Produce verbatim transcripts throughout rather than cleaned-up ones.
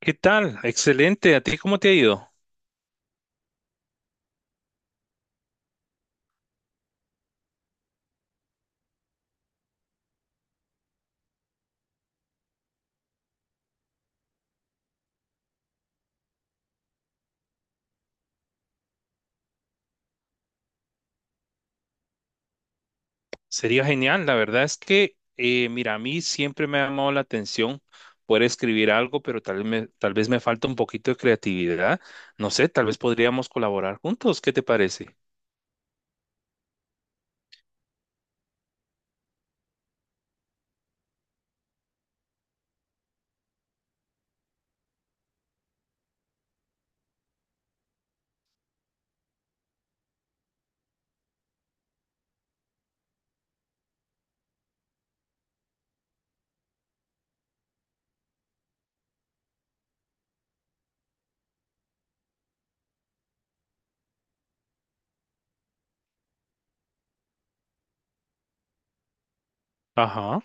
¿Qué tal? Excelente. ¿A ti cómo te ha ido? Sería genial. La verdad es que, eh, mira, a mí siempre me ha llamado la atención poder escribir algo, pero tal vez me, tal vez me falta un poquito de creatividad. No sé, tal vez podríamos colaborar juntos. ¿Qué te parece? Ajá,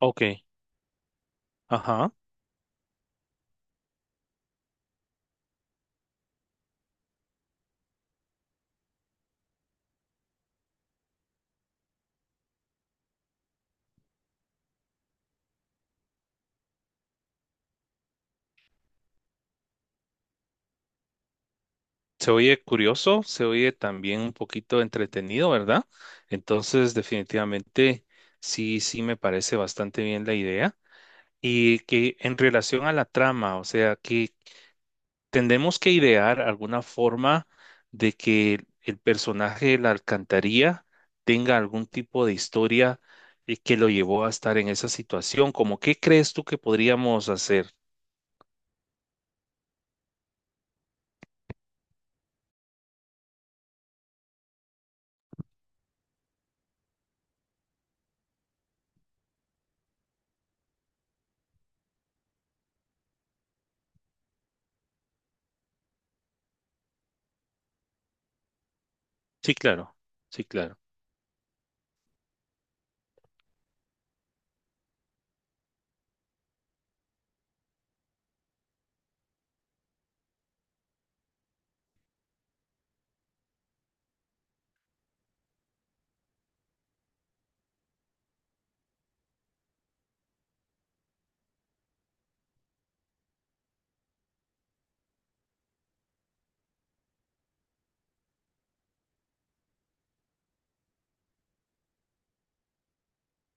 ok, ajá. Se oye curioso, se oye también un poquito entretenido, ¿verdad? Entonces, definitivamente, sí, sí me parece bastante bien la idea. Y que en relación a la trama, o sea, tendemos que idear alguna forma de que el personaje de la alcantarilla tenga algún tipo de historia, eh, que lo llevó a estar en esa situación. ¿Cómo qué crees tú que podríamos hacer? Sí, claro, sí, claro,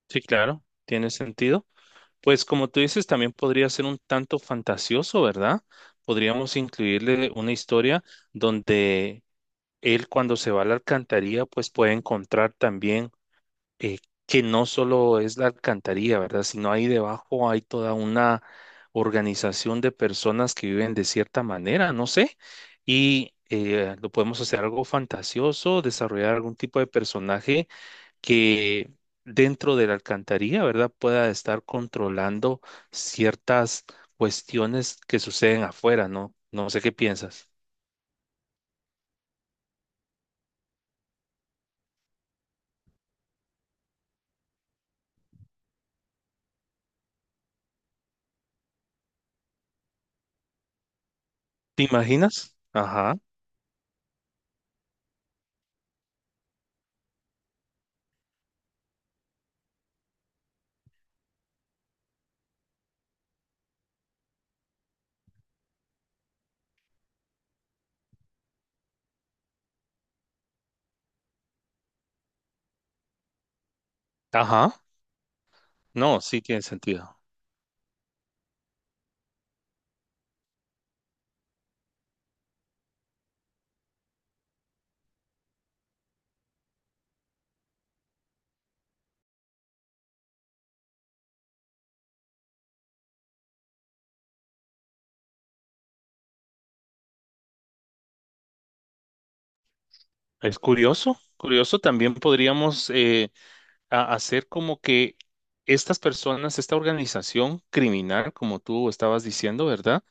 sí, claro, tiene sentido. Pues como tú dices, también podría ser un tanto fantasioso, ¿verdad? Podríamos incluirle una historia donde él, cuando se va a la alcantarilla, pues puede encontrar también, eh, que no solo es la alcantarilla, ¿verdad? Sino ahí debajo hay toda una organización de personas que viven de cierta manera, no sé, y eh, lo podemos hacer algo fantasioso, desarrollar algún tipo de personaje que, dentro de la alcantarilla, ¿verdad?, pueda estar controlando ciertas cuestiones que suceden afuera, ¿no? No sé qué piensas. ¿Te imaginas? Ajá, ajá. No, sí tiene sentido. Es curioso, curioso, también podríamos, eh, a- hacer como que estas personas, esta organización criminal, como tú estabas diciendo, ¿verdad?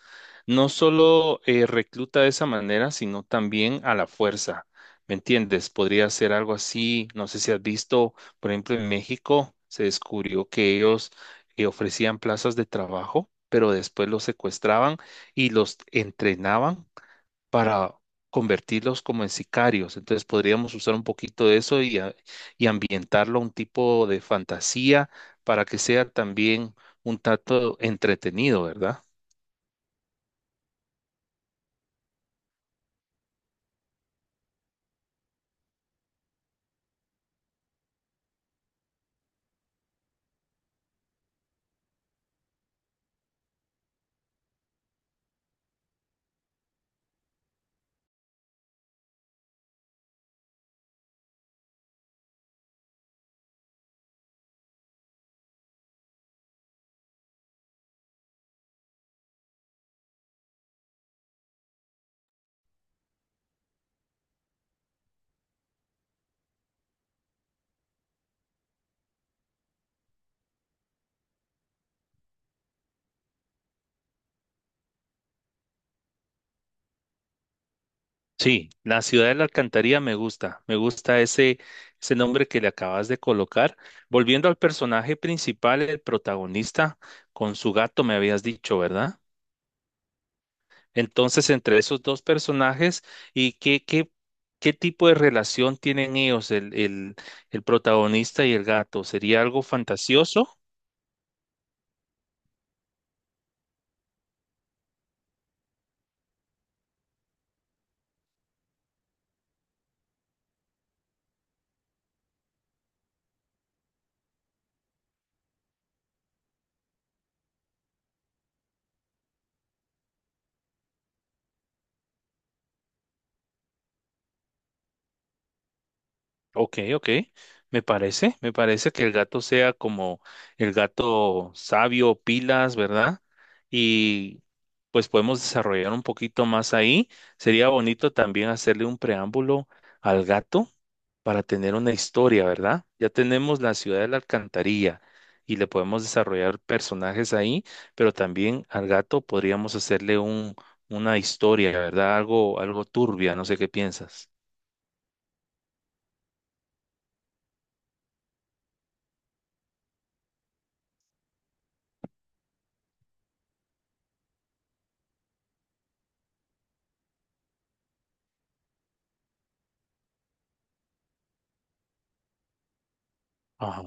No solo, eh, recluta de esa manera, sino también a la fuerza, ¿me entiendes? Podría ser algo así, no sé si has visto, por ejemplo, en México se descubrió que ellos, eh, ofrecían plazas de trabajo, pero después los secuestraban y los entrenaban para convertirlos como en sicarios. Entonces podríamos usar un poquito de eso y, a- y ambientarlo a un tipo de fantasía para que sea también un tanto entretenido, ¿verdad? Sí, la ciudad de la alcantarilla me gusta, me gusta ese, ese nombre que le acabas de colocar. Volviendo al personaje principal, el protagonista, con su gato me habías dicho, ¿verdad? Entonces, entre esos dos personajes, ¿y qué, qué, qué tipo de relación tienen ellos, el, el, el protagonista y el gato? ¿Sería algo fantasioso? Ok, ok. Me parece, me parece que el gato sea como el gato sabio, pilas, ¿verdad? Y pues podemos desarrollar un poquito más ahí. Sería bonito también hacerle un preámbulo al gato para tener una historia, ¿verdad? Ya tenemos la ciudad de la alcantarilla y le podemos desarrollar personajes ahí, pero también al gato podríamos hacerle un, una historia, ¿verdad? Algo, algo turbia, no sé qué piensas. Ajá.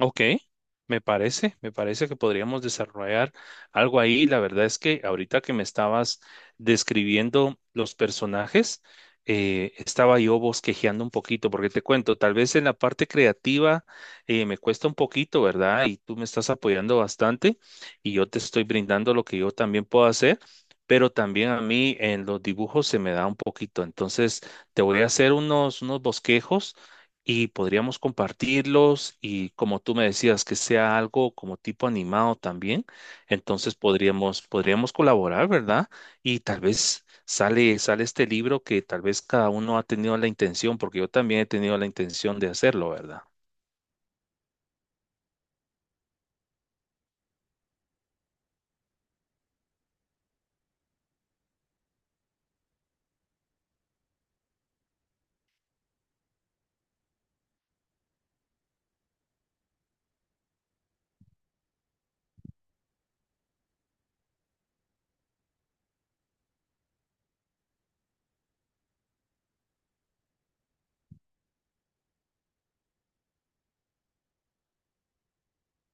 Ok, me parece, me parece que podríamos desarrollar algo ahí. La verdad es que ahorita que me estabas describiendo los personajes, eh, estaba yo bosquejeando un poquito, porque te cuento, tal vez en la parte creativa eh, me cuesta un poquito, ¿verdad? Y tú me estás apoyando bastante y yo te estoy brindando lo que yo también puedo hacer, pero también a mí en los dibujos se me da un poquito. Entonces, te voy a hacer unos, unos bosquejos y podríamos compartirlos y, como tú me decías, que sea algo como tipo animado también, entonces podríamos, podríamos colaborar, ¿verdad? Y tal vez sale, sale este libro que tal vez cada uno ha tenido la intención, porque yo también he tenido la intención de hacerlo, ¿verdad?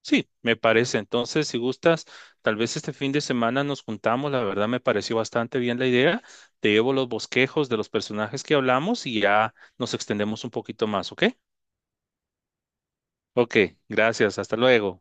Sí, me parece. Entonces, si gustas, tal vez este fin de semana nos juntamos. La verdad me pareció bastante bien la idea. Te llevo los bosquejos de los personajes que hablamos y ya nos extendemos un poquito más, ¿ok? Ok, gracias. Hasta luego.